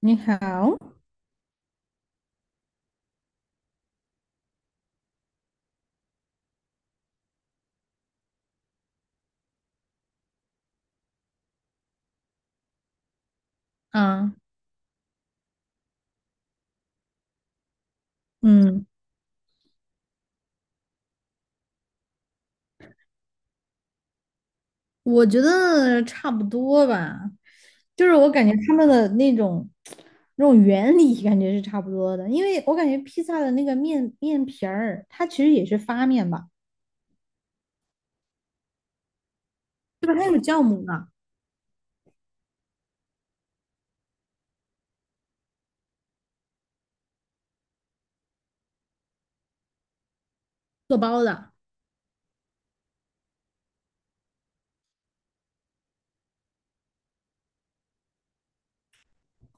你好。啊，嗯，我觉得差不多吧。就是我感觉他们的那种原理感觉是差不多的，因为我感觉披萨的那个面皮儿，它其实也是发面吧，对吧？它有酵母的，做包的。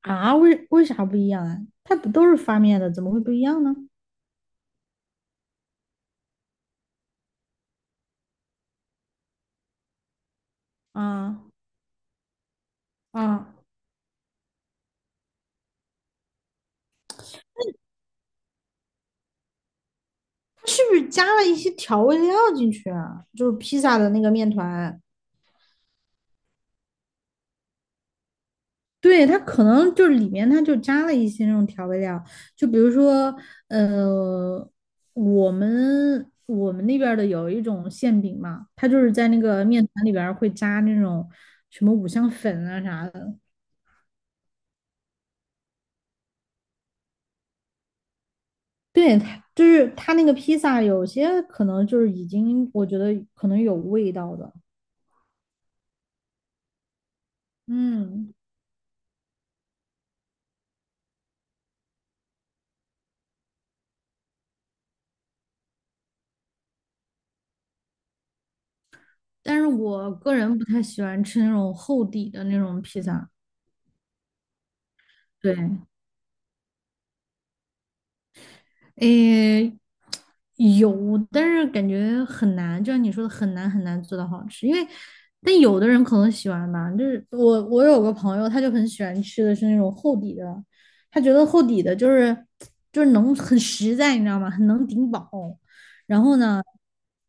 啊，为啥不一样啊？它不都是发面的，怎么会不一样呢？啊啊，它是不是加了一些调味料进去啊？就是披萨的那个面团。对，它可能就是里面它就加了一些那种调味料。就比如说，呃，我们那边儿的有一种馅饼嘛，它就是在那个面团里边儿会加那种什么五香粉啊啥的。对，它就是它那个披萨有些可能就是已经我觉得可能有味道的。嗯，但是我个人不太喜欢吃那种厚底的那种披萨。对。诶，有，但是感觉很难，就像你说的，很难很难做到好吃。因为，但有的人可能喜欢吧，就是我有个朋友，他就很喜欢吃的是那种厚底的。他觉得厚底的就是能很实在，你知道吗？很能顶饱。然后呢，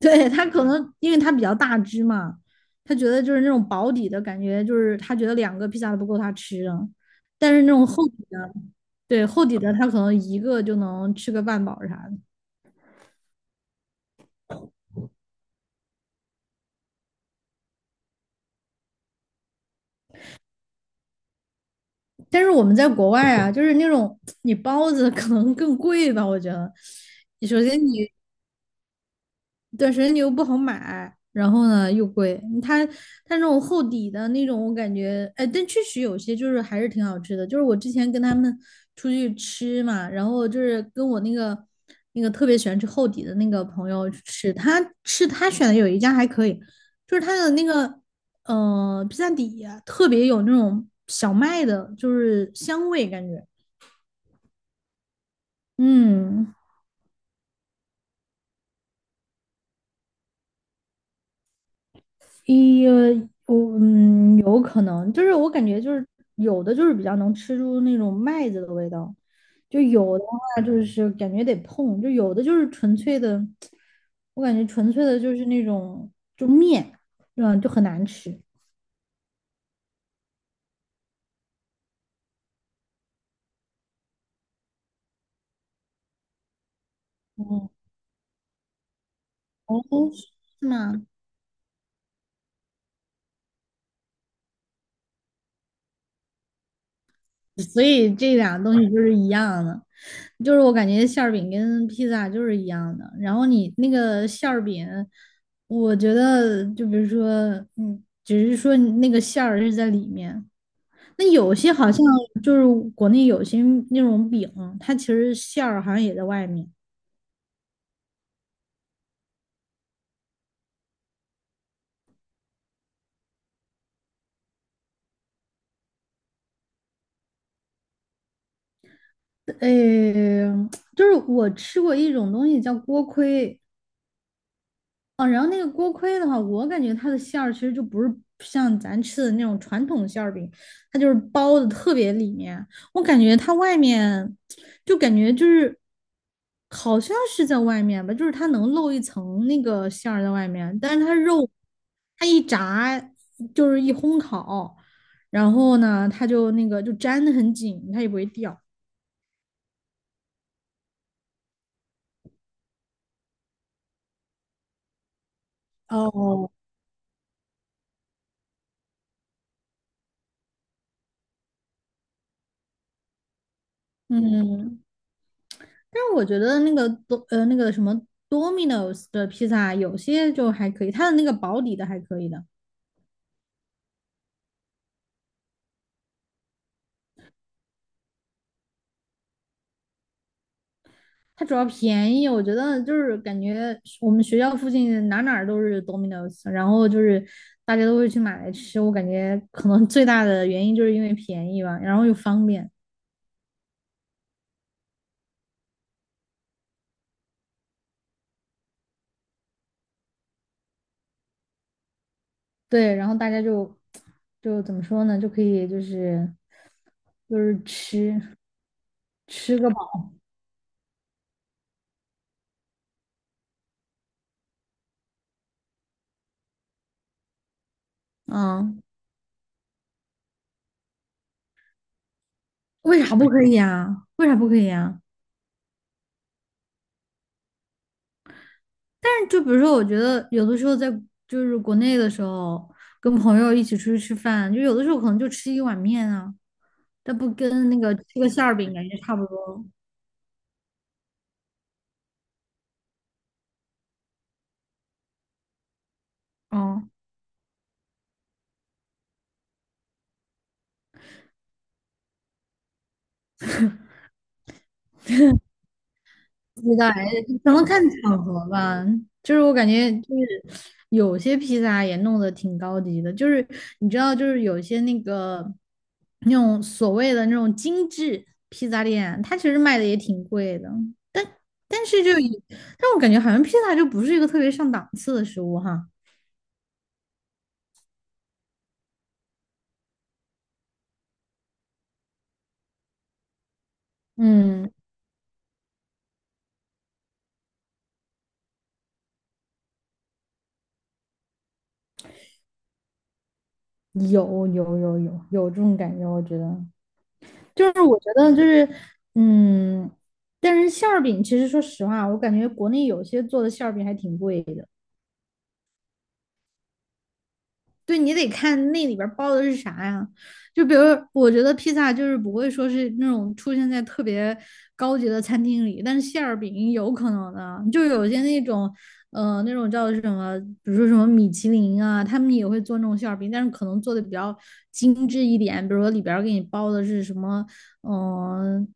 对，他可能因为他比较大只嘛，他觉得就是那种薄底的感觉，就是他觉得两个披萨都不够他吃的，但是那种厚底的，对，厚底的他可能一个就能吃个半饱啥的。但是我们在国外啊，就是那种你包子可能更贵吧，我觉得。首先你对，神牛又不好买，然后呢又贵。它那种厚底的那种，我感觉，哎，但确实有些就是还是挺好吃的。就是我之前跟他们出去吃嘛，然后就是跟我那个特别喜欢吃厚底的那个朋友去吃，他吃他选的有一家还可以，就是他的那个披萨底啊特别有那种小麦的，就是香味感觉。嗯，一，我有可能，就是我感觉就是有的就是比较能吃出那种麦子的味道，就有的话就是感觉得碰，就有的就是纯粹的，我感觉纯粹的就是那种就面，就很难吃。嗯，哦，是吗？所以这两个东西就是一样的，就是我感觉馅儿饼跟披萨就是一样的。然后你那个馅儿饼，我觉得就比如说，只是说你那个馅儿是在里面。那有些好像就是国内有些那种饼，它其实馅儿好像也在外面。呃，就是我吃过一种东西叫锅盔。哦，然后那个锅盔的话，我感觉它的馅儿其实就不是像咱吃的那种传统馅儿饼，它就是包的特别里面。我感觉它外面就感觉就是好像是在外面吧，就是它能露一层那个馅儿在外面，但是它肉它一炸就是一烘烤，然后呢，它就那个就粘得很紧，它也不会掉。嗯，但是我觉得那个多呃那个什么 Domino's 的披萨有些就还可以，它的那个保底的还可以的。它主要便宜，我觉得就是感觉我们学校附近哪儿都是 Domino's,然后就是大家都会去买来吃，我感觉可能最大的原因就是因为便宜吧，然后又方便。对，然后大家就怎么说呢，就可以就是吃个饱。嗯，为啥不可以啊？为啥不可以啊？但是就比如说，我觉得有的时候在就是国内的时候，跟朋友一起出去吃饭，就有的时候可能就吃一碗面啊，但不跟那个吃个馅儿饼感觉差不多。哦、披萨，道哎，可能看场合吧。就是我感觉，就是有些披萨也弄得挺高级的，就是你知道，就是有些那个那种所谓的那种精致披萨店，它其实卖的也挺贵的，但但是就以，但我感觉好像披萨就不是一个特别上档次的食物哈。嗯，有这种感觉，我觉得。就是我觉得就是，嗯，但是馅儿饼其实说实话，我感觉国内有些做的馅儿饼还挺贵的。对你得看那里边儿包的是啥呀。就比如，我觉得披萨就是不会说是那种出现在特别高级的餐厅里，但是馅儿饼有可能的，就有些那种，那种叫什么，比如说什么米其林啊，他们也会做那种馅儿饼，但是可能做的比较精致一点，比如说里边儿给你包的是什么，嗯、呃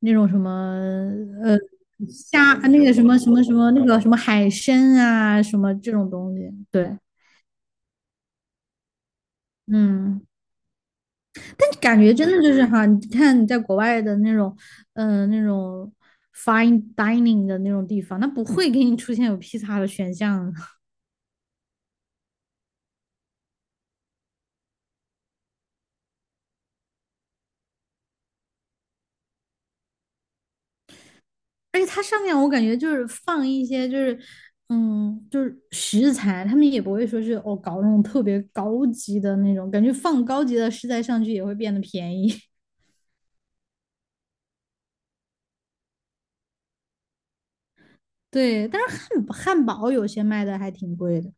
那种什么，呃，虾，那个什么那个什么海参啊，什么这种东西，对，嗯。但感觉真的就是哈，你看你在国外的那种，那种 fine dining 的那种地方，它不会给你出现有披萨的选项啊。而且它上面我感觉就是放一些就是，就是食材，他们也不会说是哦搞那种特别高级的那种，感觉放高级的食材上去也会变得便宜。对，但是汉堡有些卖的还挺贵的。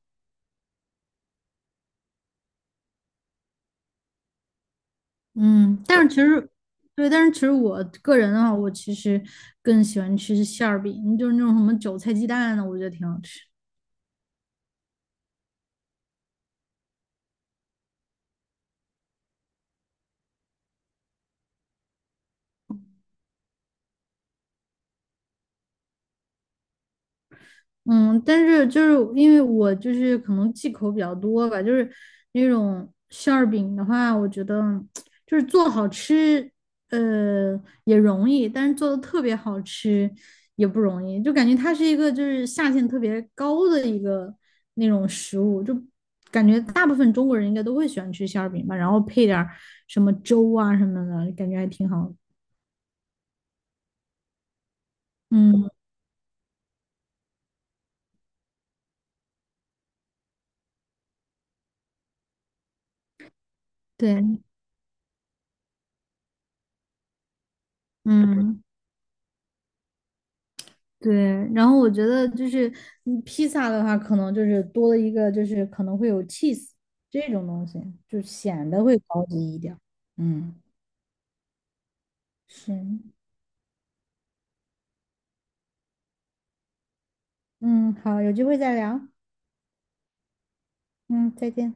嗯，但是其实，对，但是其实我个人的话，我其实更喜欢吃馅儿饼，就是那种什么韭菜鸡蛋的，我觉得挺好吃。嗯，但是就是因为我就是可能忌口比较多吧，就是那种馅儿饼的话，我觉得就是做好吃，也容易，但是做的特别好吃也不容易，就感觉它是一个就是下限特别高的一个那种食物，就感觉大部分中国人应该都会喜欢吃馅儿饼吧，然后配点儿什么粥啊什么的，感觉还挺好的。嗯，对，嗯。对，然后我觉得就是披萨的话，可能就是多了一个，就是可能会有 cheese 这种东西，就显得会高级一点儿。嗯，是，嗯，好，有机会再聊。嗯，再见。